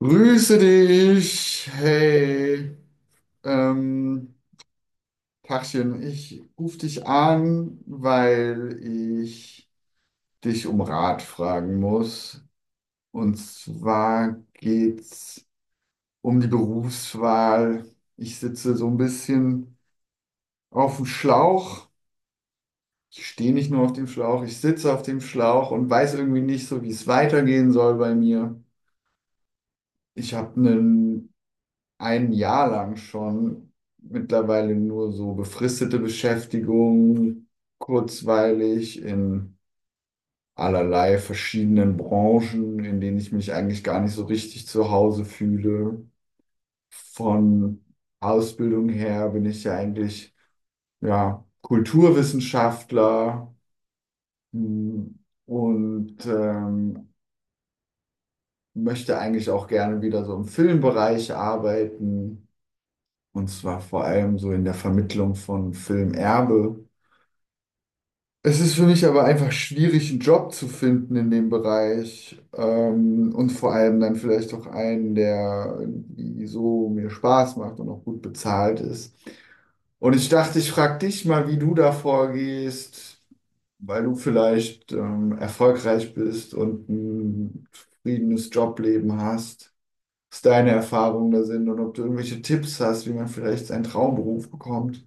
Grüße dich. Hey, ähm, Tachchen, ich rufe dich an, weil ich dich um Rat fragen muss. Und zwar geht's um die Berufswahl. Ich sitze so ein bisschen auf dem Schlauch. Ich stehe nicht nur auf dem Schlauch, ich sitze auf dem Schlauch und weiß irgendwie nicht so, wie es weitergehen soll bei mir. Ich habe ein Jahr lang schon mittlerweile nur so befristete Beschäftigung, kurzweilig in allerlei verschiedenen Branchen, in denen ich mich eigentlich gar nicht so richtig zu Hause fühle. Von Ausbildung her bin ich ja eigentlich ja, Kulturwissenschaftler, hm, und möchte eigentlich auch gerne wieder so im Filmbereich arbeiten. Und zwar vor allem so in der Vermittlung von Filmerbe. Es ist für mich aber einfach schwierig, einen Job zu finden in dem Bereich. Und vor allem dann vielleicht auch einen, der irgendwie so mir Spaß macht und auch gut bezahlt ist. Und ich dachte, ich frage dich mal, wie du da vorgehst, weil du vielleicht erfolgreich bist und ein zufriedenes Jobleben hast, was deine Erfahrungen da sind und ob du irgendwelche Tipps hast, wie man vielleicht seinen Traumberuf bekommt.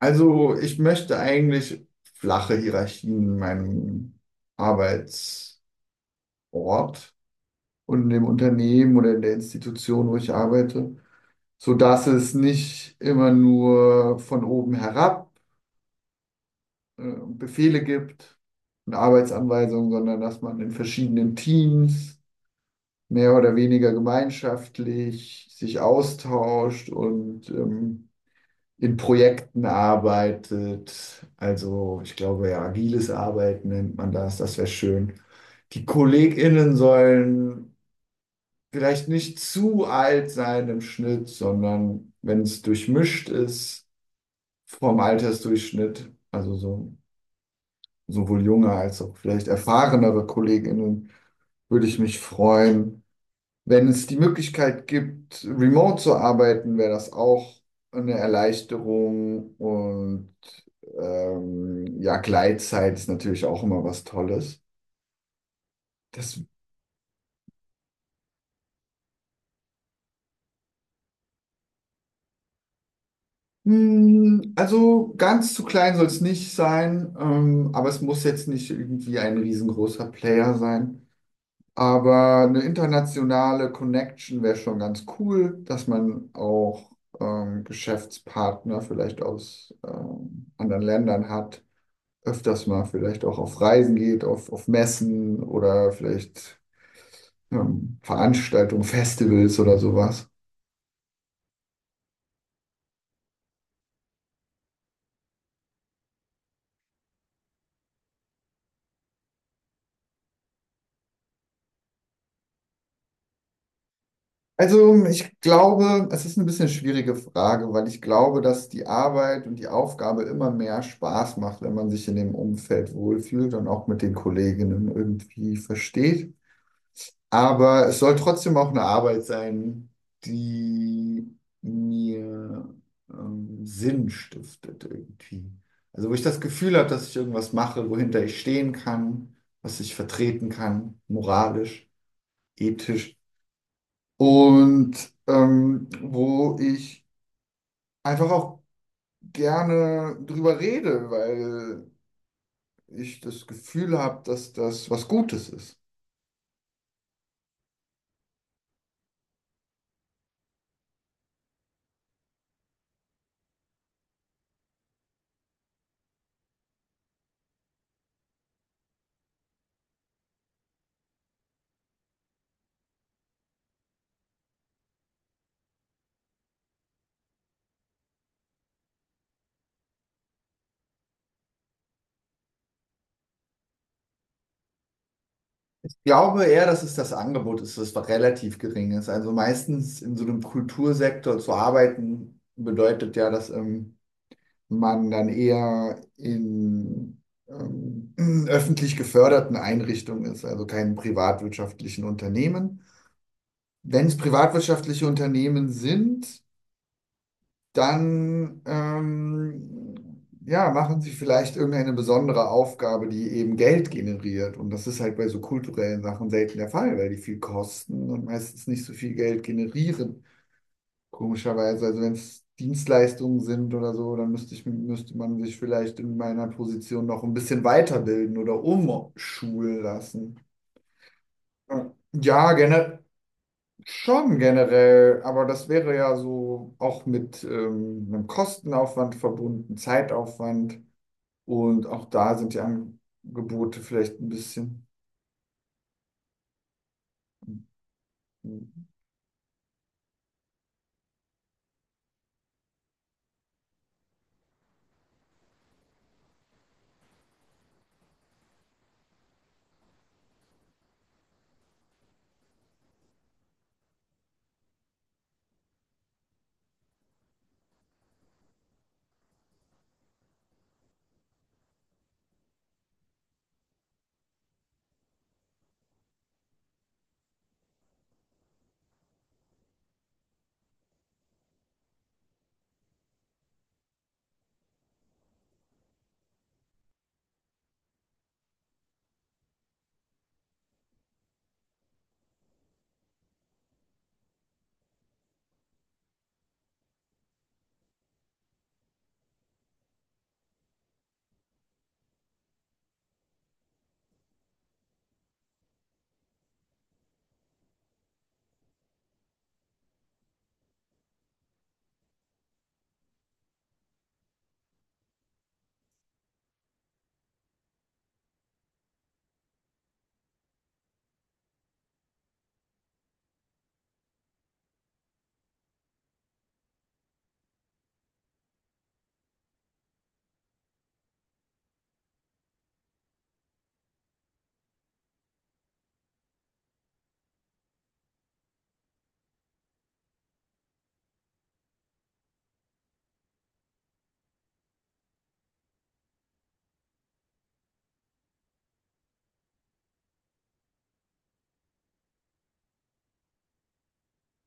Also ich möchte eigentlich flache Hierarchien in meinem Arbeitsort und in dem Unternehmen oder in der Institution, wo ich arbeite, sodass es nicht immer nur von oben herab äh, Befehle gibt und Arbeitsanweisungen, sondern dass man in verschiedenen Teams mehr oder weniger gemeinschaftlich sich austauscht und in Projekten arbeitet. Also ich glaube, ja, agiles Arbeiten nennt man das. Das wäre schön. Die KollegInnen sollen vielleicht nicht zu alt sein im Schnitt, sondern wenn es durchmischt ist vom Altersdurchschnitt, also so, sowohl junge als auch vielleicht erfahrenere KollegInnen, würde ich mich freuen. Wenn es die Möglichkeit gibt, remote zu arbeiten, wäre das auch eine Erleichterung und ja, Gleitzeit ist natürlich auch immer was Tolles. Das, mh, also ganz zu klein soll es nicht sein, aber es muss jetzt nicht irgendwie ein riesengroßer Player sein. Aber eine internationale Connection wäre schon ganz cool, dass man auch Geschäftspartner vielleicht aus anderen Ländern hat, öfters mal vielleicht auch auf Reisen geht, auf Messen oder vielleicht Veranstaltungen, Festivals oder sowas. Also ich glaube, es ist eine bisschen schwierige Frage, weil ich glaube, dass die Arbeit und die Aufgabe immer mehr Spaß macht, wenn man sich in dem Umfeld wohlfühlt und auch mit den Kolleginnen irgendwie versteht. Aber es soll trotzdem auch eine Arbeit sein, die mir Sinn stiftet irgendwie. Also wo ich das Gefühl habe, dass ich irgendwas mache, wohinter ich stehen kann, was ich vertreten kann, moralisch, ethisch. Und wo ich einfach auch gerne drüber rede, weil ich das Gefühl habe, dass das was Gutes ist. Ich glaube eher, dass es das Angebot ist, das relativ gering ist. Also meistens in so einem Kultursektor zu arbeiten, bedeutet ja, dass man dann eher in ähm, öffentlich geförderten Einrichtungen ist, also keinen privatwirtschaftlichen Unternehmen. Wenn es privatwirtschaftliche Unternehmen sind, dann ja, machen sie vielleicht irgendeine besondere Aufgabe, die eben Geld generiert. Und das ist halt bei so kulturellen Sachen selten der Fall, weil die viel kosten und meistens nicht so viel Geld generieren. Komischerweise, also wenn es Dienstleistungen sind oder so, dann müsste man sich vielleicht in meiner Position noch ein bisschen weiterbilden oder umschulen lassen. Ja, generell. Schon generell, aber das wäre ja so auch mit einem Kostenaufwand verbunden, Zeitaufwand, und auch da sind die Angebote vielleicht ein bisschen.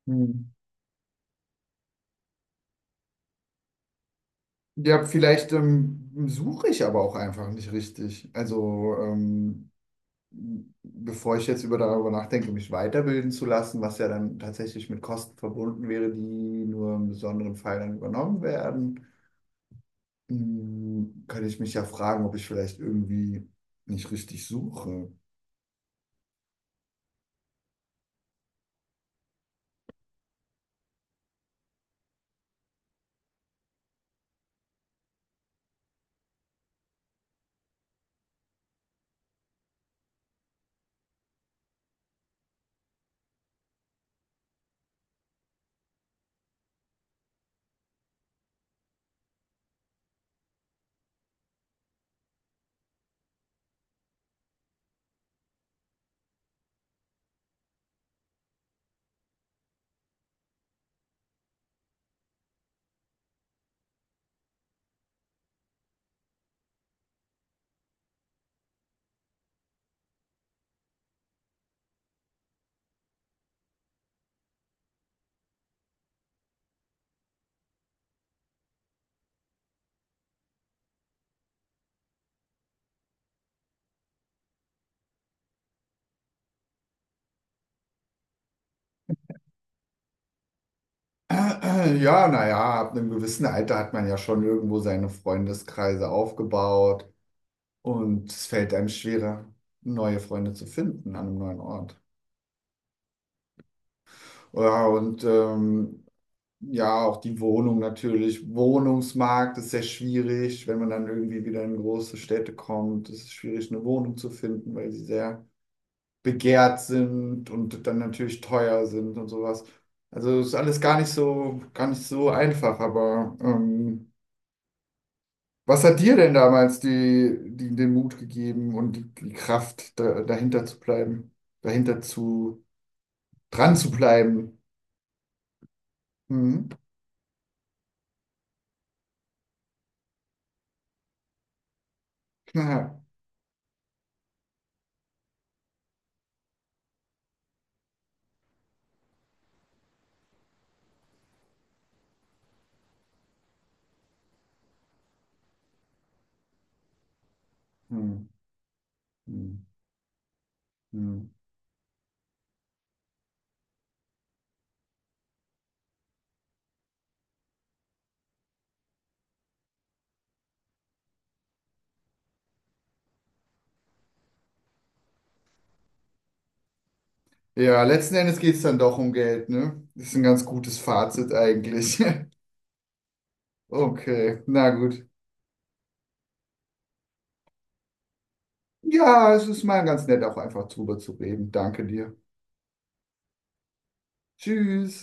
Hm. Ja, vielleicht suche ich aber auch einfach nicht richtig. Also bevor ich jetzt über darüber nachdenke, mich weiterbilden zu lassen, was ja dann tatsächlich mit Kosten verbunden wäre, die nur im besonderen Fall dann übernommen werden. Hm, könnte ich mich ja fragen, ob ich vielleicht irgendwie nicht richtig suche. Ja, naja, ab einem gewissen Alter hat man ja schon irgendwo seine Freundeskreise aufgebaut und es fällt einem schwerer, neue Freunde zu finden an einem neuen Ort. Ja, und ja, auch die Wohnung natürlich. Wohnungsmarkt ist sehr schwierig, wenn man dann irgendwie wieder in große Städte kommt. Es ist schwierig, eine Wohnung zu finden, weil sie sehr begehrt sind und dann natürlich teuer sind und sowas. Also ist alles gar nicht so einfach, aber was hat dir denn damals den Mut gegeben und die Kraft, dahinter zu bleiben, dahinter zu, dran zu bleiben? Hm? Naja. Hm. Hm. Hm. Ja, letzten Endes geht es dann doch um Geld, ne? Das ist ein ganz gutes Fazit eigentlich. Okay, na gut. Ja, es ist mal ganz nett, auch einfach drüber zu reden. Danke dir. Tschüss.